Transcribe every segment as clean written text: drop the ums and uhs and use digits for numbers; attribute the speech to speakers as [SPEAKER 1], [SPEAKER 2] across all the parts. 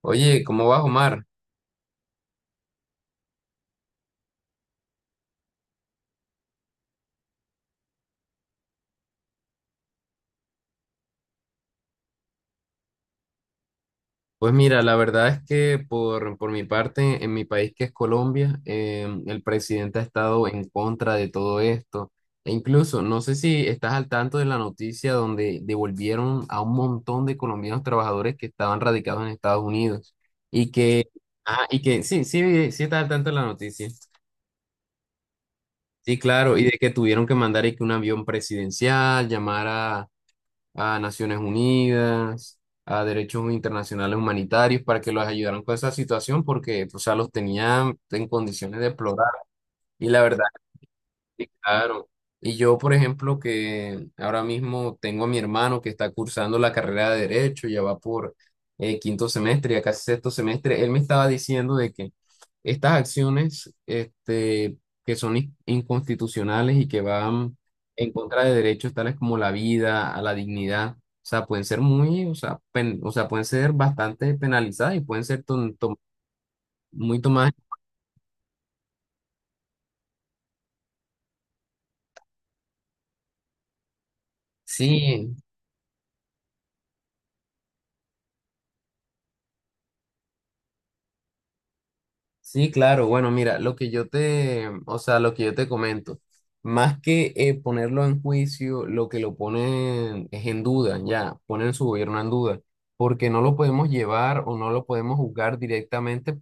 [SPEAKER 1] Oye, ¿cómo vas, Omar? Pues mira, la verdad es que por mi parte, en mi país que es Colombia, el presidente ha estado en contra de todo esto. E incluso, no sé si estás al tanto de la noticia donde devolvieron a un montón de colombianos trabajadores que estaban radicados en Estados Unidos. Y que, y que sí, sí, sí estás al tanto de la noticia. Sí, claro, y de que tuvieron que mandar y que un avión presidencial llamara a Naciones Unidas, a derechos internacionales humanitarios para que los ayudaran con esa situación porque, o sea, los tenían en condiciones deplorables. Y la verdad Sí, claro. Y yo, por ejemplo, que ahora mismo tengo a mi hermano que está cursando la carrera de Derecho, ya va por quinto semestre, ya casi sexto semestre, él me estaba diciendo de que estas acciones que son inconstitucionales y que van en contra de derechos tales como la vida, a la dignidad, o sea, pueden ser muy, o sea, o sea, pueden ser bastante penalizadas y pueden ser muy tomadas. Sí, sí, claro. Bueno, mira, lo que yo te, o sea, lo que yo te comento, más que ponerlo en juicio, lo que lo ponen es en duda, ya, ponen su gobierno en duda, porque no lo podemos llevar o no lo podemos juzgar directamente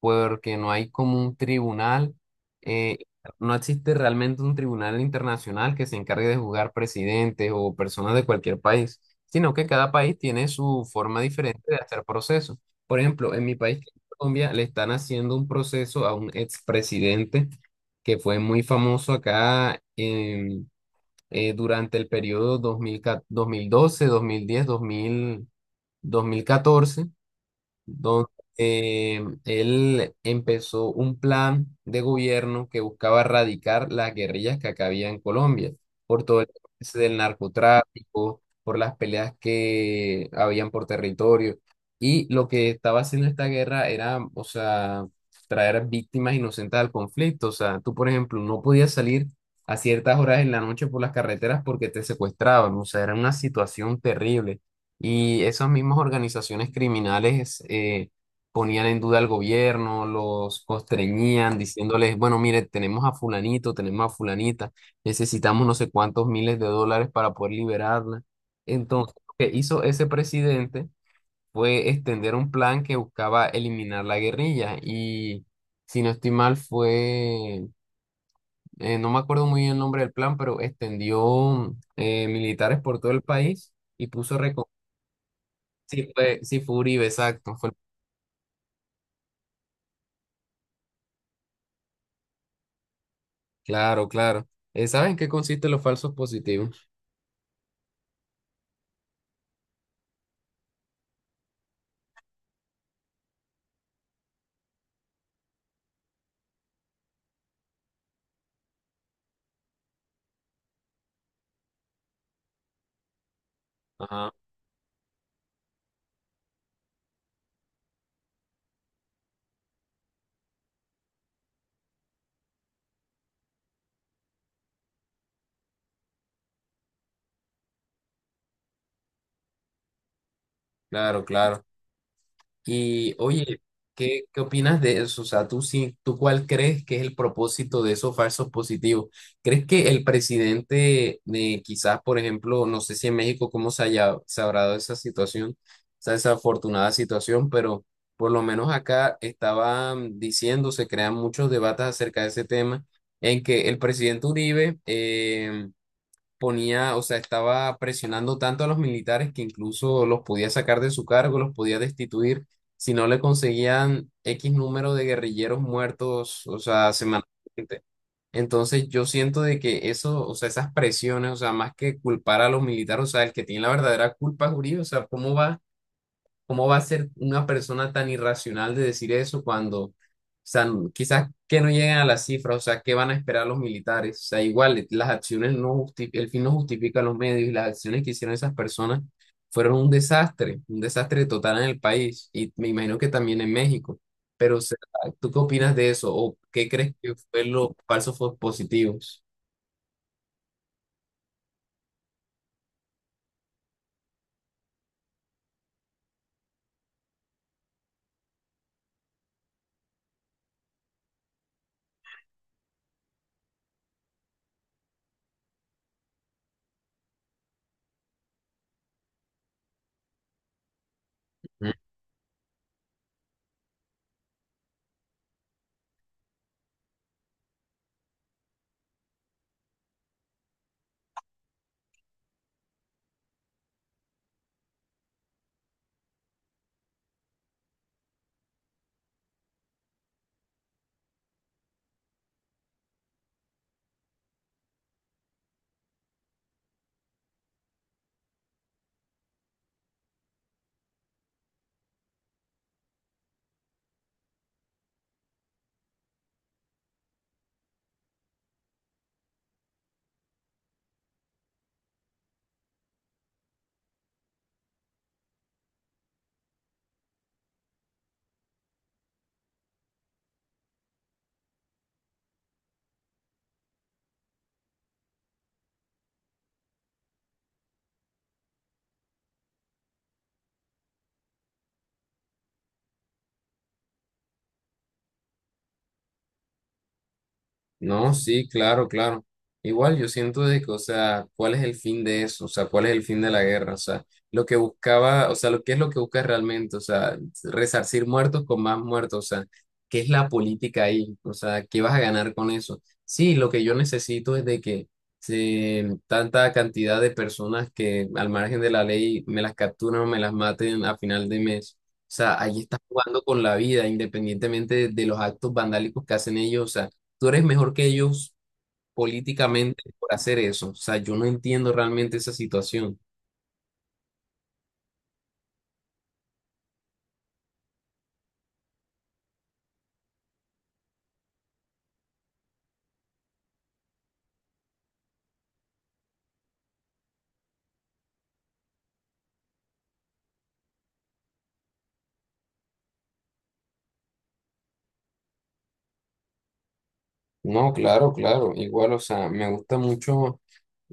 [SPEAKER 1] porque no hay como un tribunal, eh, no existe realmente un tribunal internacional que se encargue de juzgar presidentes o personas de cualquier país, sino que cada país tiene su forma diferente de hacer procesos. Por ejemplo, en mi país Colombia le están haciendo un proceso a un expresidente que fue muy famoso acá durante el periodo 2012, 2010, 2014 donde él empezó un plan de gobierno que buscaba erradicar las guerrillas que acá había en Colombia, por todo el tema del narcotráfico, por las peleas que habían por territorio. Y lo que estaba haciendo esta guerra era, o sea, traer víctimas inocentes al conflicto. O sea, tú, por ejemplo, no podías salir a ciertas horas en la noche por las carreteras porque te secuestraban. O sea, era una situación terrible. Y esas mismas organizaciones criminales ponían en duda al gobierno, los constreñían diciéndoles, bueno, mire, tenemos a fulanito, tenemos a fulanita, necesitamos no sé cuántos miles de dólares para poder liberarla. Entonces, lo que hizo ese presidente fue extender un plan que buscaba eliminar la guerrilla. Y si no estoy mal, no me acuerdo muy bien el nombre del plan, pero extendió militares por todo el país y puso sí fue Uribe, exacto. Claro, claro. ¿Saben en qué consisten los falsos positivos? Ajá, claro, claro. Y oye, ¿qué opinas de eso? O sea, ¿tú, sí, tú cuál crees que es el propósito de esos falsos positivos? ¿Crees que el presidente, quizás, por ejemplo, no sé si en México cómo se habrá dado esa situación, esa desafortunada situación, pero por lo menos acá estaban diciendo, se crean muchos debates acerca de ese tema, en que el presidente Uribe, ponía, o sea, estaba presionando tanto a los militares que incluso los podía sacar de su cargo, los podía destituir si no le conseguían X número de guerrilleros muertos, o sea, semanalmente. Entonces yo siento de que eso, o sea, esas presiones, o sea, más que culpar a los militares, o sea, el que tiene la verdadera culpa es Uribe, o sea, ¿Cómo va a ser una persona tan irracional de decir eso cuando, o sea, quizás que no lleguen a las cifras, o sea, ¿qué van a esperar los militares? O sea, igual, las acciones el fin no justifica los medios y las acciones que hicieron esas personas fueron un desastre total en el país y me imagino que también en México. Pero, o sea, ¿tú qué opinas de eso? ¿O qué crees que fue los falsos positivos? No, sí, claro, claro. Igual yo siento de que, o sea, ¿cuál es el fin de eso? O sea, ¿cuál es el fin de la guerra? O sea, lo que buscaba, o sea, lo que es lo que busca realmente, o sea, resarcir muertos con más muertos, o sea, ¿qué es la política ahí? O sea, ¿qué vas a ganar con eso? Sí, lo que yo necesito es de que se, tanta cantidad de personas que al margen de la ley me las capturan o me las maten a final de mes. O sea, ahí estás jugando con la vida, independientemente de los actos vandálicos que hacen ellos. O sea, tú eres mejor que ellos políticamente por hacer eso. O sea, yo no entiendo realmente esa situación. No, claro, claro. Igual, o sea, me gusta mucho.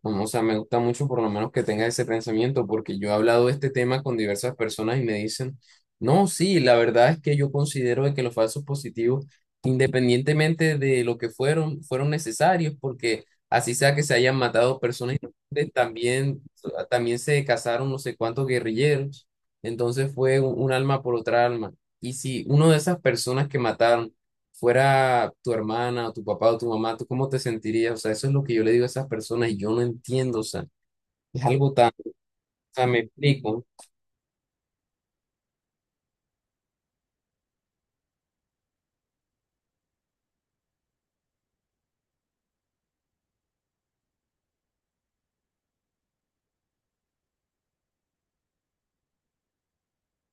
[SPEAKER 1] No, o sea, me gusta mucho por lo menos que tengas ese pensamiento, porque yo he hablado de este tema con diversas personas y me dicen, no, sí, la verdad es que yo considero de que los falsos positivos, independientemente de lo que fueron, fueron necesarios, porque así sea que se hayan matado personas inocentes, también, se casaron no sé cuántos guerrilleros, entonces fue un alma por otra alma. Y si uno de esas personas que mataron fuera tu hermana o tu papá o tu mamá, ¿tú cómo te sentirías? O sea, eso es lo que yo le digo a esas personas y yo no entiendo, o sea, es algo tan, o sea, me explico,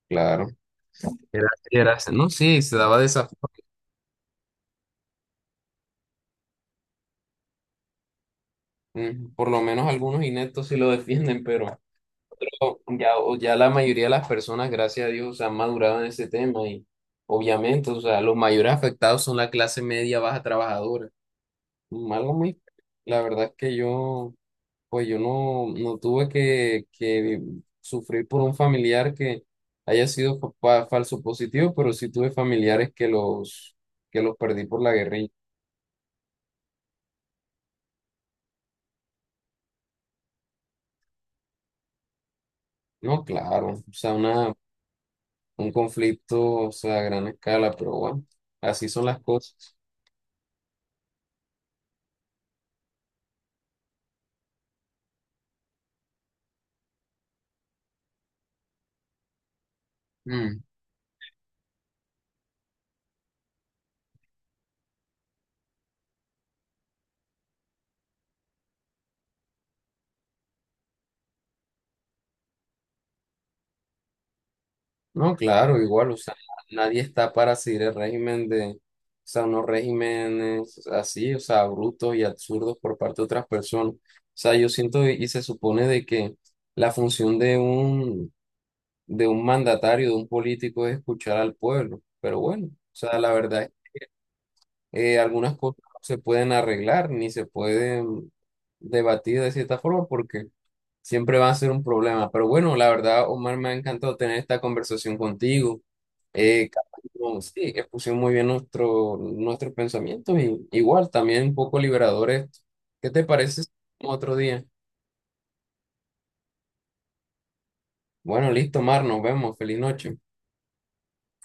[SPEAKER 1] claro. Era, no, sí, se daba de esa forma. Por lo menos algunos ineptos sí lo defienden, pero ya la mayoría de las personas, gracias a Dios, han madurado en ese tema y obviamente, o sea, los mayores afectados son la clase media, baja, trabajadora. Algo muy, la verdad es que yo... Pues yo no, no tuve que sufrir por un familiar que haya sido falso positivo, pero sí tuve familiares que que los perdí por la guerrilla. No, claro, o sea, un conflicto, o sea, a gran escala, pero bueno, así son las cosas. No, claro, igual, o sea, nadie está para seguir el régimen de, o sea, unos regímenes así, o sea, brutos y absurdos por parte de otras personas. O sea, yo siento y se supone de que la función de un mandatario, de un político es escuchar al pueblo, pero bueno, o sea, la verdad, algunas cosas no se pueden arreglar ni se pueden debatir de cierta forma porque siempre va a ser un problema. Pero bueno, la verdad, Omar, me ha encantado tener esta conversación contigo. Capaz, no, sí, expusimos muy bien nuestros pensamientos y igual también un poco liberadores. ¿Qué te parece si otro día? Bueno, listo, Omar, nos vemos. Feliz noche.